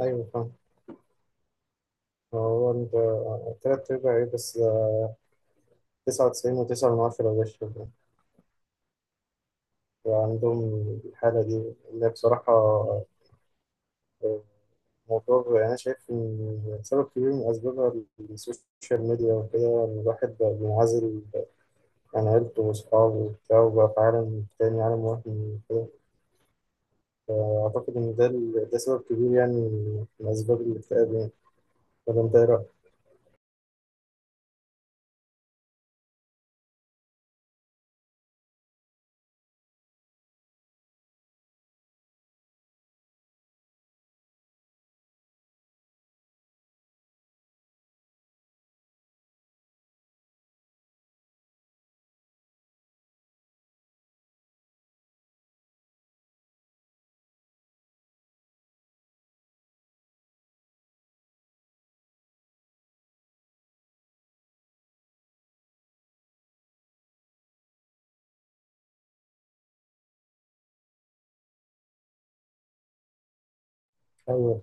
ايوه فاهم. هو انت تلات ارباع ايه بس؟ 99.9 بشر عندهم الحالة دي، اللي هي بصراحة موضوع. أنا شايف إن سبب كبير من أسبابها السوشيال ميديا وكده، إن الواحد بقى منعزل عن عيلته وأصحابه وبتاع وبقى في عالم تاني، عالم وهمي وكده. فأعتقد إن ده سبب كبير يعني، من أسباب الاكتئاب يعني. ولا أنت إيه رأيك؟ أيوه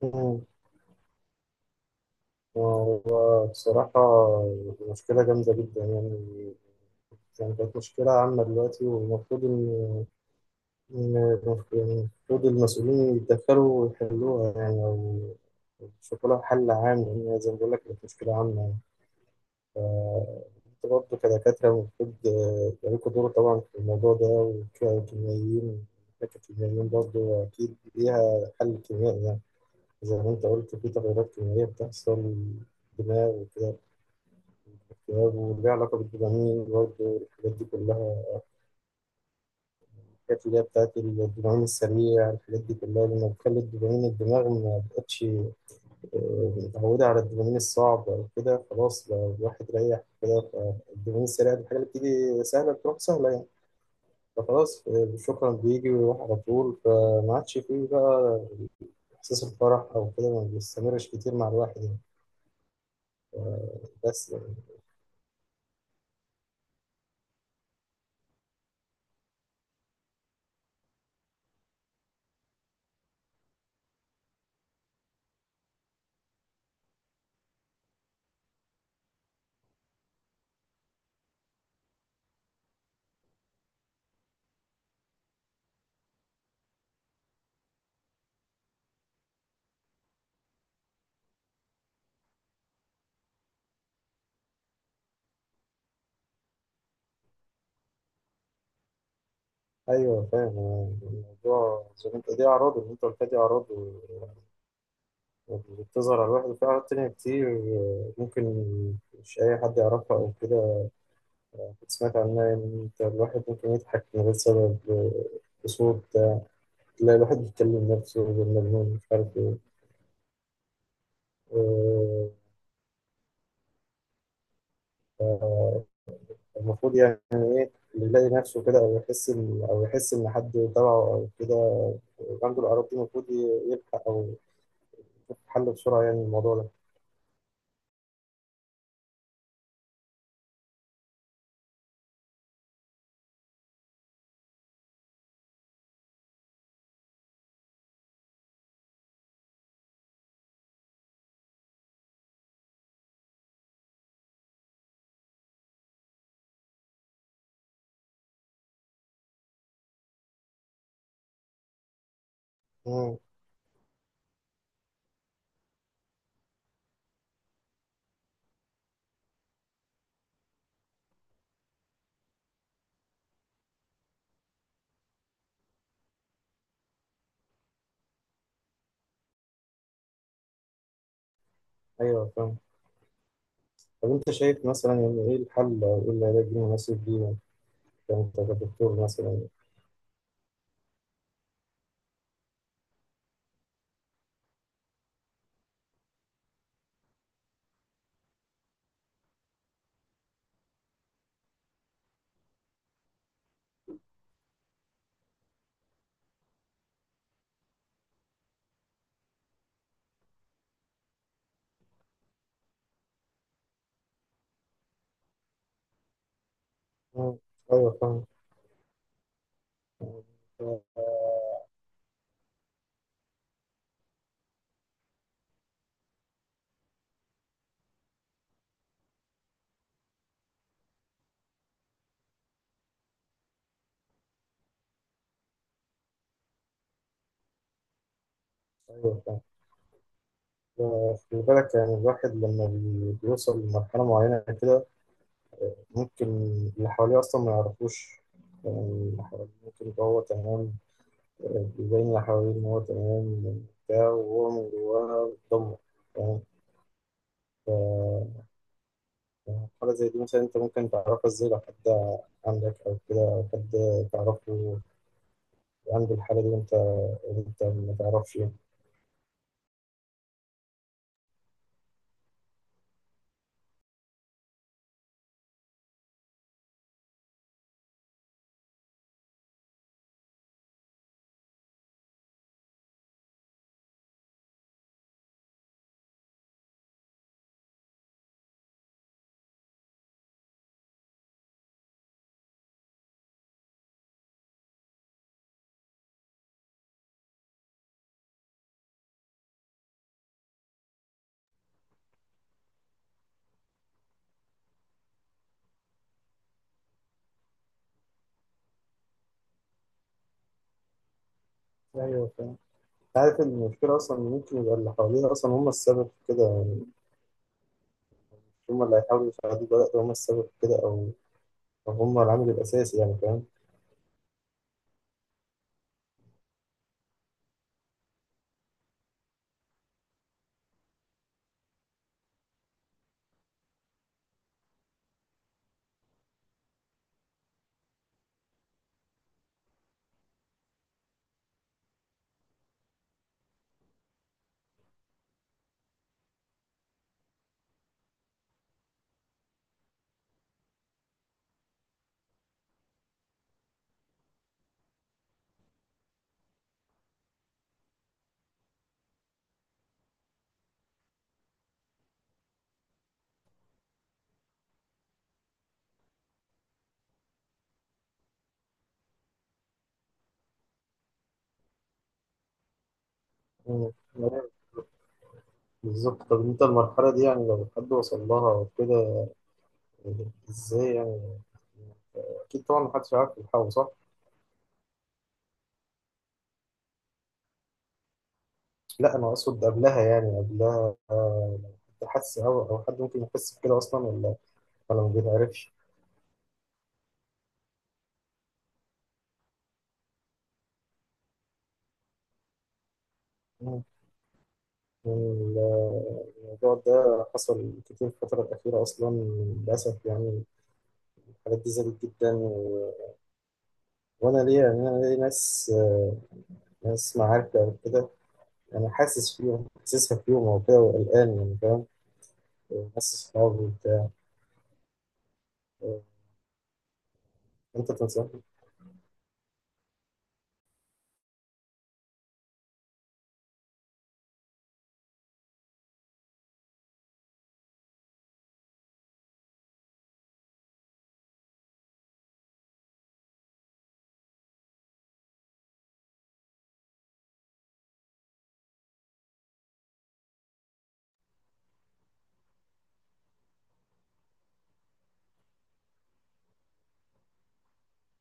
فاهم. هو بصراحة مشكلة جامدة جدا يعني، يعني كانت مشكلة عامة دلوقتي، والمفروض يعني المفروض المسؤولين يتدخلوا ويحلوها يعني، أو يشوفوا لها حل عام، لأن زي ما بقول لك كانت مشكلة عامة يعني. أنتوا برضه كدكاترة المفروض يبقى لكم دور طبعا في الموضوع ده، وككيميائيين. الدكاترة الكيميائيين برضه أكيد ليها حل كيميائي يعني. زي ما أنت قلت في تغيرات كيميائية بتحصل دماغ وكده، اكتئاب وليه علاقة بالدوبامين برضه، الحاجات دي كلها. الحاجات اللي هي بتاعت الدوبامين السريع، الحاجات دي كلها لما بتخلي الدوبامين الدماغ ما بقتش متعودة على الدوبامين الصعب أو كده. خلاص بقى الواحد ريح كده، فالدوبامين السريع دي الحاجة اللي بتيجي سهلة بتروح سهلة يعني. فخلاص شكرا، بيجي ويروح على طول، فما عادش فيه بقى إحساس الفرح أو كده، ما بيستمرش كتير مع الواحد يعني. ف- بس يعني. أيوه فاهم الموضوع زي ما أنت، دي أعراضه اللي أنت قلتها، دي أعراضه اللي بتظهر على الواحد. في حاجات تانية كتير ممكن مش أي حد يعرفها أو كده. كنت سمعت عنها إن أنت الواحد ممكن يضحك من غير سبب بصوت تلاقي الواحد بيتكلم نفسه بالمجنون مش عارف إيه آه، المفروض يعني اللي يلاقي نفسه كده، أو يحس إن أو يحس إن حد تبعه أو كده عنده الأعراض دي، المفروض يلحق أو يشوف حل بسرعة يعني الموضوع ده. مم. أيوه فاهم. طب أنت شايف مثلا يعني إيه الحل أو إيه العلاج المناسب ليه يعني أنت كدكتور مثلا؟ مم. ايوه فاهم آه، ايوه فاهم خلي بالك يعني الواحد لما بيوصل لمرحله معينه كده، ممكن اللي حواليه اصلا ما يعرفوش. يعني اللي حواليه ممكن يبقى هو تمام بيبين اللي حواليه ان هو تمام بتاع، وهو من جواه بيتدمر يعني. حاجه زي دي مثلا انت ممكن تعرفها ازاي، لو حد عندك او كده، او حد تعرفه عنده الحاله دي وانت ما تعرفش يعني. ايوه فاهم. عارف إن المشكله اصلا إن ممكن يبقى اللي حواليه اصلا هم السبب في كده. هم اللي هيحاولوا يساعدوه بقى لو هم السبب في كده، أو هم العامل الأساسي يعني فاهم. مم. بالظبط. طب أنت المرحلة دي يعني لو حد وصل لها كده، إزاي يعني؟ أكيد طبعا محدش عارف يلحقه صح؟ لا أنا أقصد قبلها، يعني قبلها لو حد حس أو حد ممكن يحس بكده أصلا، ولا ما بيتعرفش. مم. ال- الموضوع ده حصل كتير في الفترة الأخيرة أصلا، للأسف يعني. الحالات دي زادت جدا وأنا ليا، يعني أنا ليا ناس ناس معارف أو كده. أنا حاسس فيهم، حاسسها فيهم وكده وقلقان يعني فاهم. حاسس صحابي وبتاع. أنت تنصح؟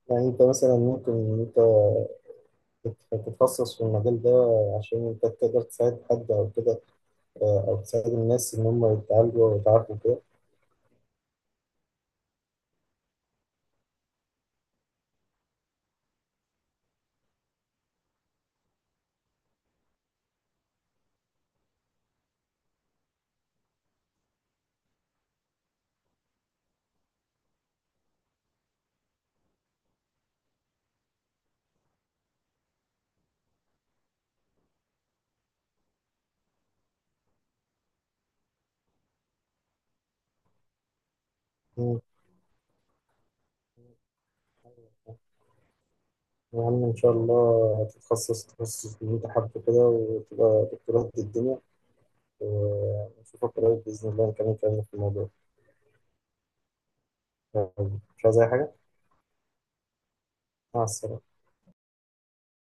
يعني أنت مثلا ممكن إن أنت تت- تتخصص في المجال ده عشان أنت تقدر تساعد حد أو كده أو تساعد الناس إن هم يتعالجوا ويتعافوا كده. مم. يا عم إن شاء الله هتتخصص تخصص اللي أنت حابه كده وتبقى دكتوراه قد الدنيا، ونشوفك قريب بإذن الله نكمل كلامنا في الموضوع. مش عايز أي حاجة. مع السلامة.